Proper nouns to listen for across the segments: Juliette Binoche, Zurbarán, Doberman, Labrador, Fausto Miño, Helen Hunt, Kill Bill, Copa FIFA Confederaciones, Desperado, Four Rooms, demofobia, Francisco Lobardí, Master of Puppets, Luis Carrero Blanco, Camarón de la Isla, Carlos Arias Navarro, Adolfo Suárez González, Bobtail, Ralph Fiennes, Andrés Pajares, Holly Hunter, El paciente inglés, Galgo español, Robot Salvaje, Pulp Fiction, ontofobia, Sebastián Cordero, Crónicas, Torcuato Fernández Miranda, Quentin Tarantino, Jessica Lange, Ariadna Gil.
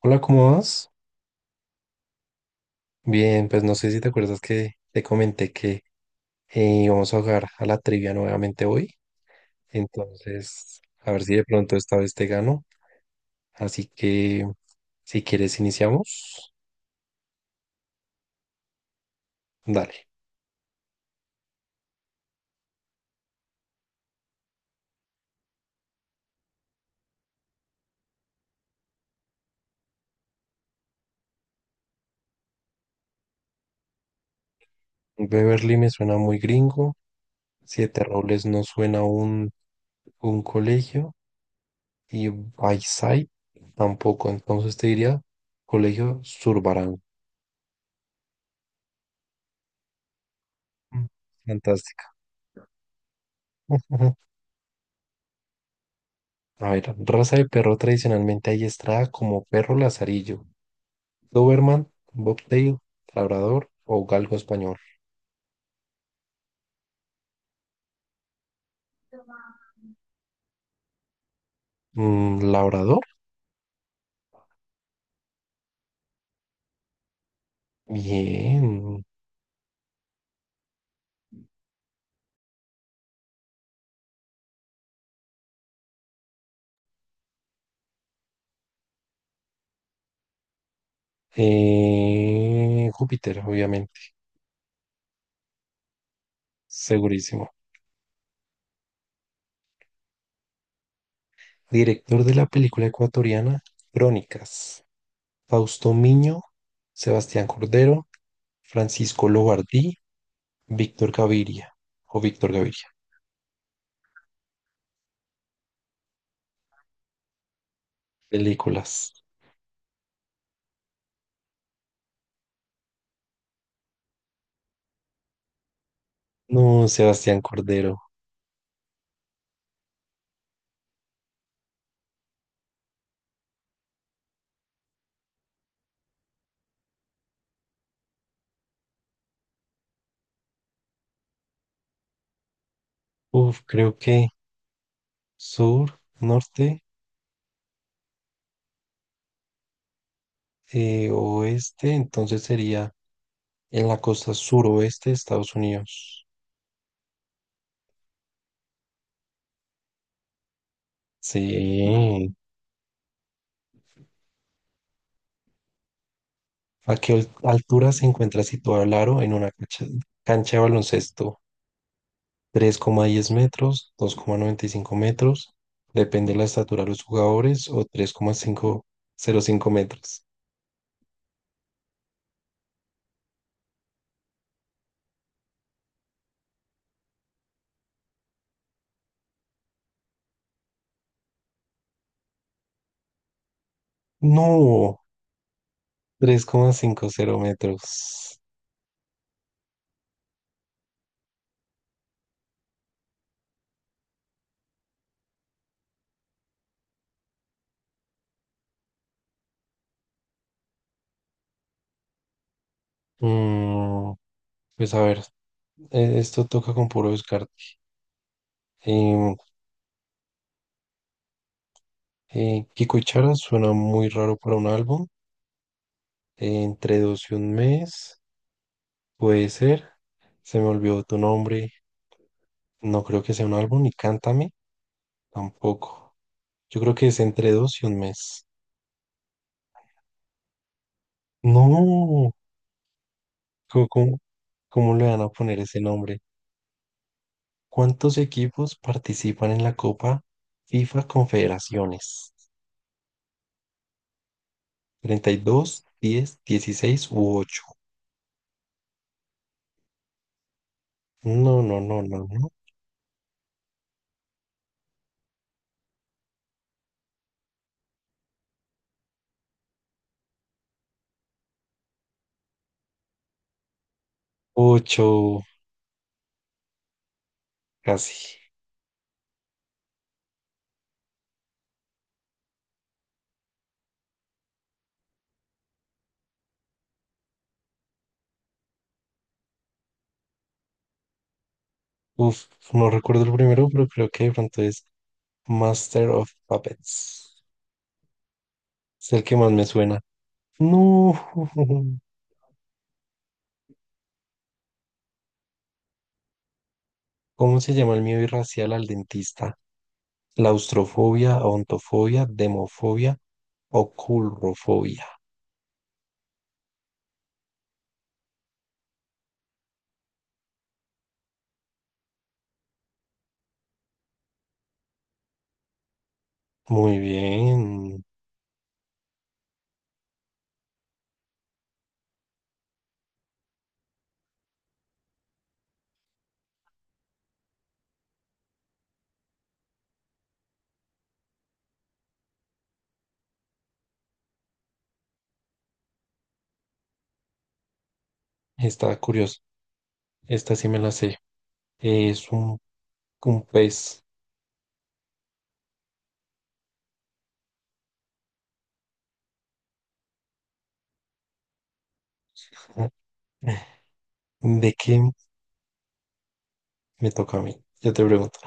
Hola, ¿cómo vas? Bien, pues no sé si te acuerdas que te comenté que íbamos a jugar a la trivia nuevamente hoy. Entonces, a ver si de pronto esta vez te gano. Así que, si quieres, iniciamos. Dale. Beverly me suena muy gringo. Siete Robles no suena un colegio. Y Bayside tampoco. Entonces te diría colegio Zurbarán. Mm, fantástica. A ver, raza de perro tradicionalmente adiestrada como perro lazarillo, Doberman, Bobtail, Labrador o Galgo español. Mm, Labrador, bien. Júpiter, obviamente, segurísimo. Director de la película ecuatoriana Crónicas, Fausto Miño, Sebastián Cordero, Francisco Lobardí, Víctor Gaviria o Víctor Gaviria. Películas. No, Sebastián Cordero. Uf, creo que sur, norte, oeste, entonces sería en la costa suroeste de Estados Unidos. Sí. ¿A qué altura se encuentra situado el aro en una cancha de baloncesto? 3,10 metros, 2,95 metros, depende de la estatura de los jugadores, o 3,505 metros. No, 3,50 metros. Mm, pues a ver, esto toca con puro descarte. Em, Kiko y Chara suena muy raro para un álbum. Entre dos y un mes, puede ser. Se me olvidó tu nombre. No creo que sea un álbum, ni Cántame tampoco. Yo creo que es entre dos y un mes. No, ¿cómo, cómo- ¿cómo le van a poner ese nombre? ¿Cuántos equipos participan en la Copa FIFA Confederaciones? 32, 10, 16 u ocho. No, no, no, no, no. Ocho, casi. Uf, no recuerdo el primero, pero creo que de pronto es Master of Puppets. Es el que más me suena. No. ¿Cómo se llama el miedo irracional al dentista? Claustrofobia, ontofobia, demofobia o culrofobia. Muy bien. Está curioso. Esta sí me la sé. Es un pez. ¿De qué me toca a mí? Yo te pregunto,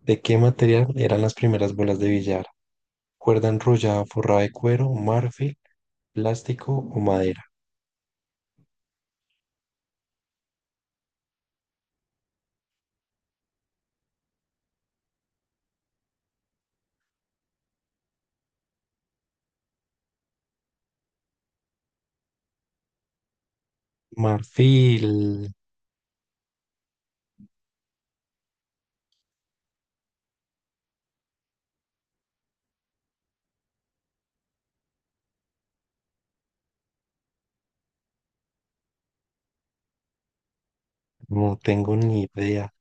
¿de qué material eran las primeras bolas de billar? Cuerda enrollada forrada de cuero, marfil, ¿plástico o madera? Marfil, no tengo ni idea.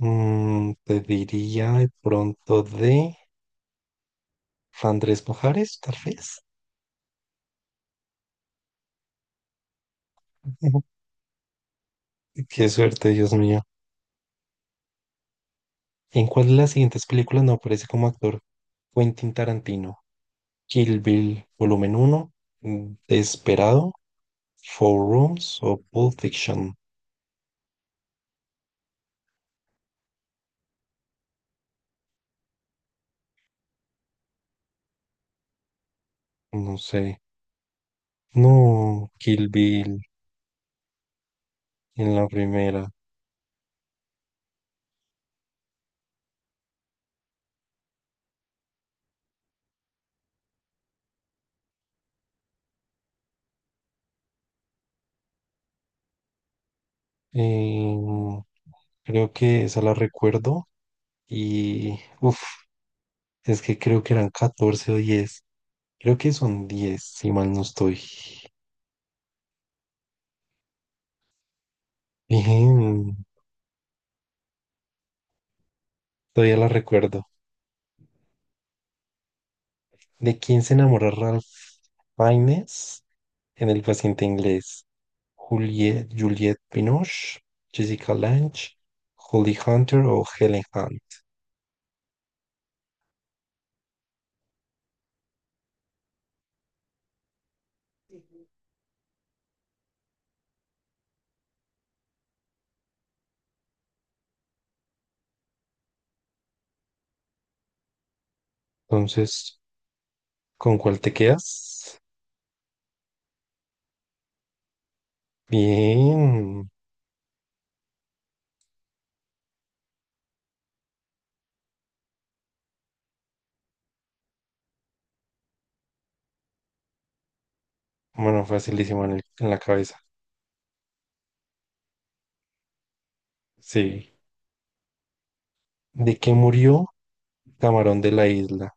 Mm, te diría de pronto de Andrés Pajares, tal vez. Qué suerte, Dios mío. ¿En cuál de las siguientes películas no aparece como actor Quentin Tarantino? Kill Bill, volumen uno, Desperado, Four Rooms o Pulp Fiction. No sé. No, Kill Bill en la primera. Eh, creo que esa la recuerdo. Y, uff, es que creo que eran 14 o 10. Creo que son 10 si mal no estoy. Bien, todavía la recuerdo. ¿De quién se enamora Ralph Fiennes en El paciente inglés? Juliet, Juliette Binoche, Jessica Lange, Holly Hunter o Helen Hunt. Entonces, ¿con cuál te quedas? Bien. Bueno, facilísimo en la cabeza. Sí. ¿De qué murió Camarón de la Isla?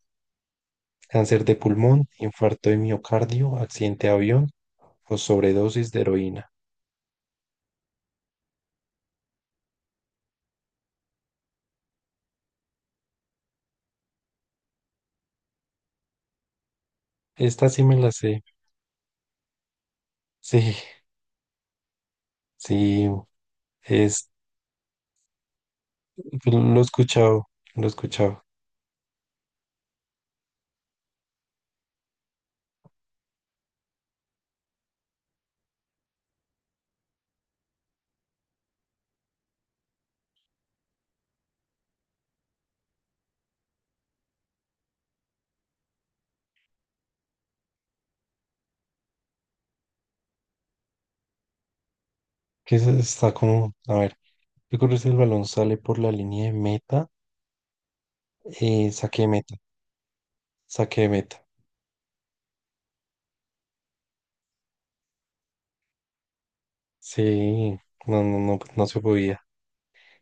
Cáncer de pulmón, infarto de miocardio, accidente de avión o sobredosis de heroína. Esta sí me la sé. Sí, sí, es, lo he escuchado, lo he escuchado. Que está como, a ver, ¿qué ocurre si el balón sale por la línea de meta? Eh, saque de meta, saque de meta. Sí, no se podía.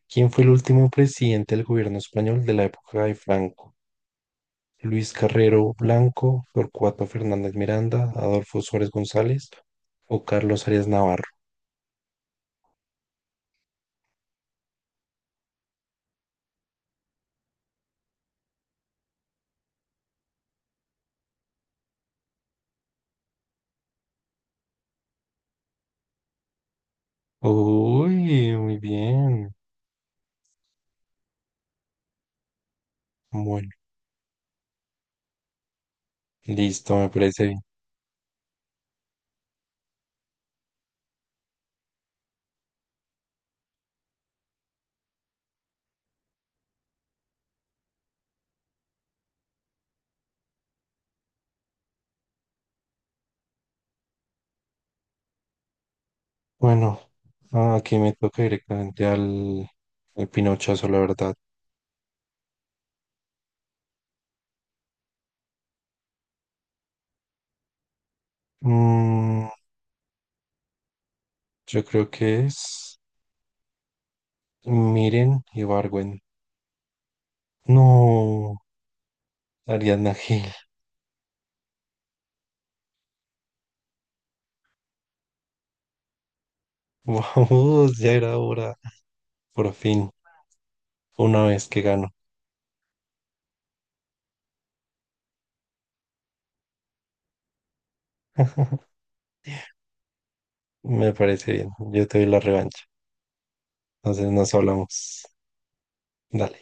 ¿Quién fue el último presidente del gobierno español de la época de Franco? Luis Carrero Blanco, Torcuato Fernández Miranda, Adolfo Suárez González o Carlos Arias Navarro. Uy, muy bien. Bueno, listo, me parece bien. Bueno, ah, aquí me toca directamente al pinochazo, la verdad. Mm, yo creo que es Miren y Barwen. No, Ariadna Gil. Vamos, ya era hora. Por fin, una vez que gano. Me parece bien. Yo te doy la revancha. Entonces nos hablamos. Dale.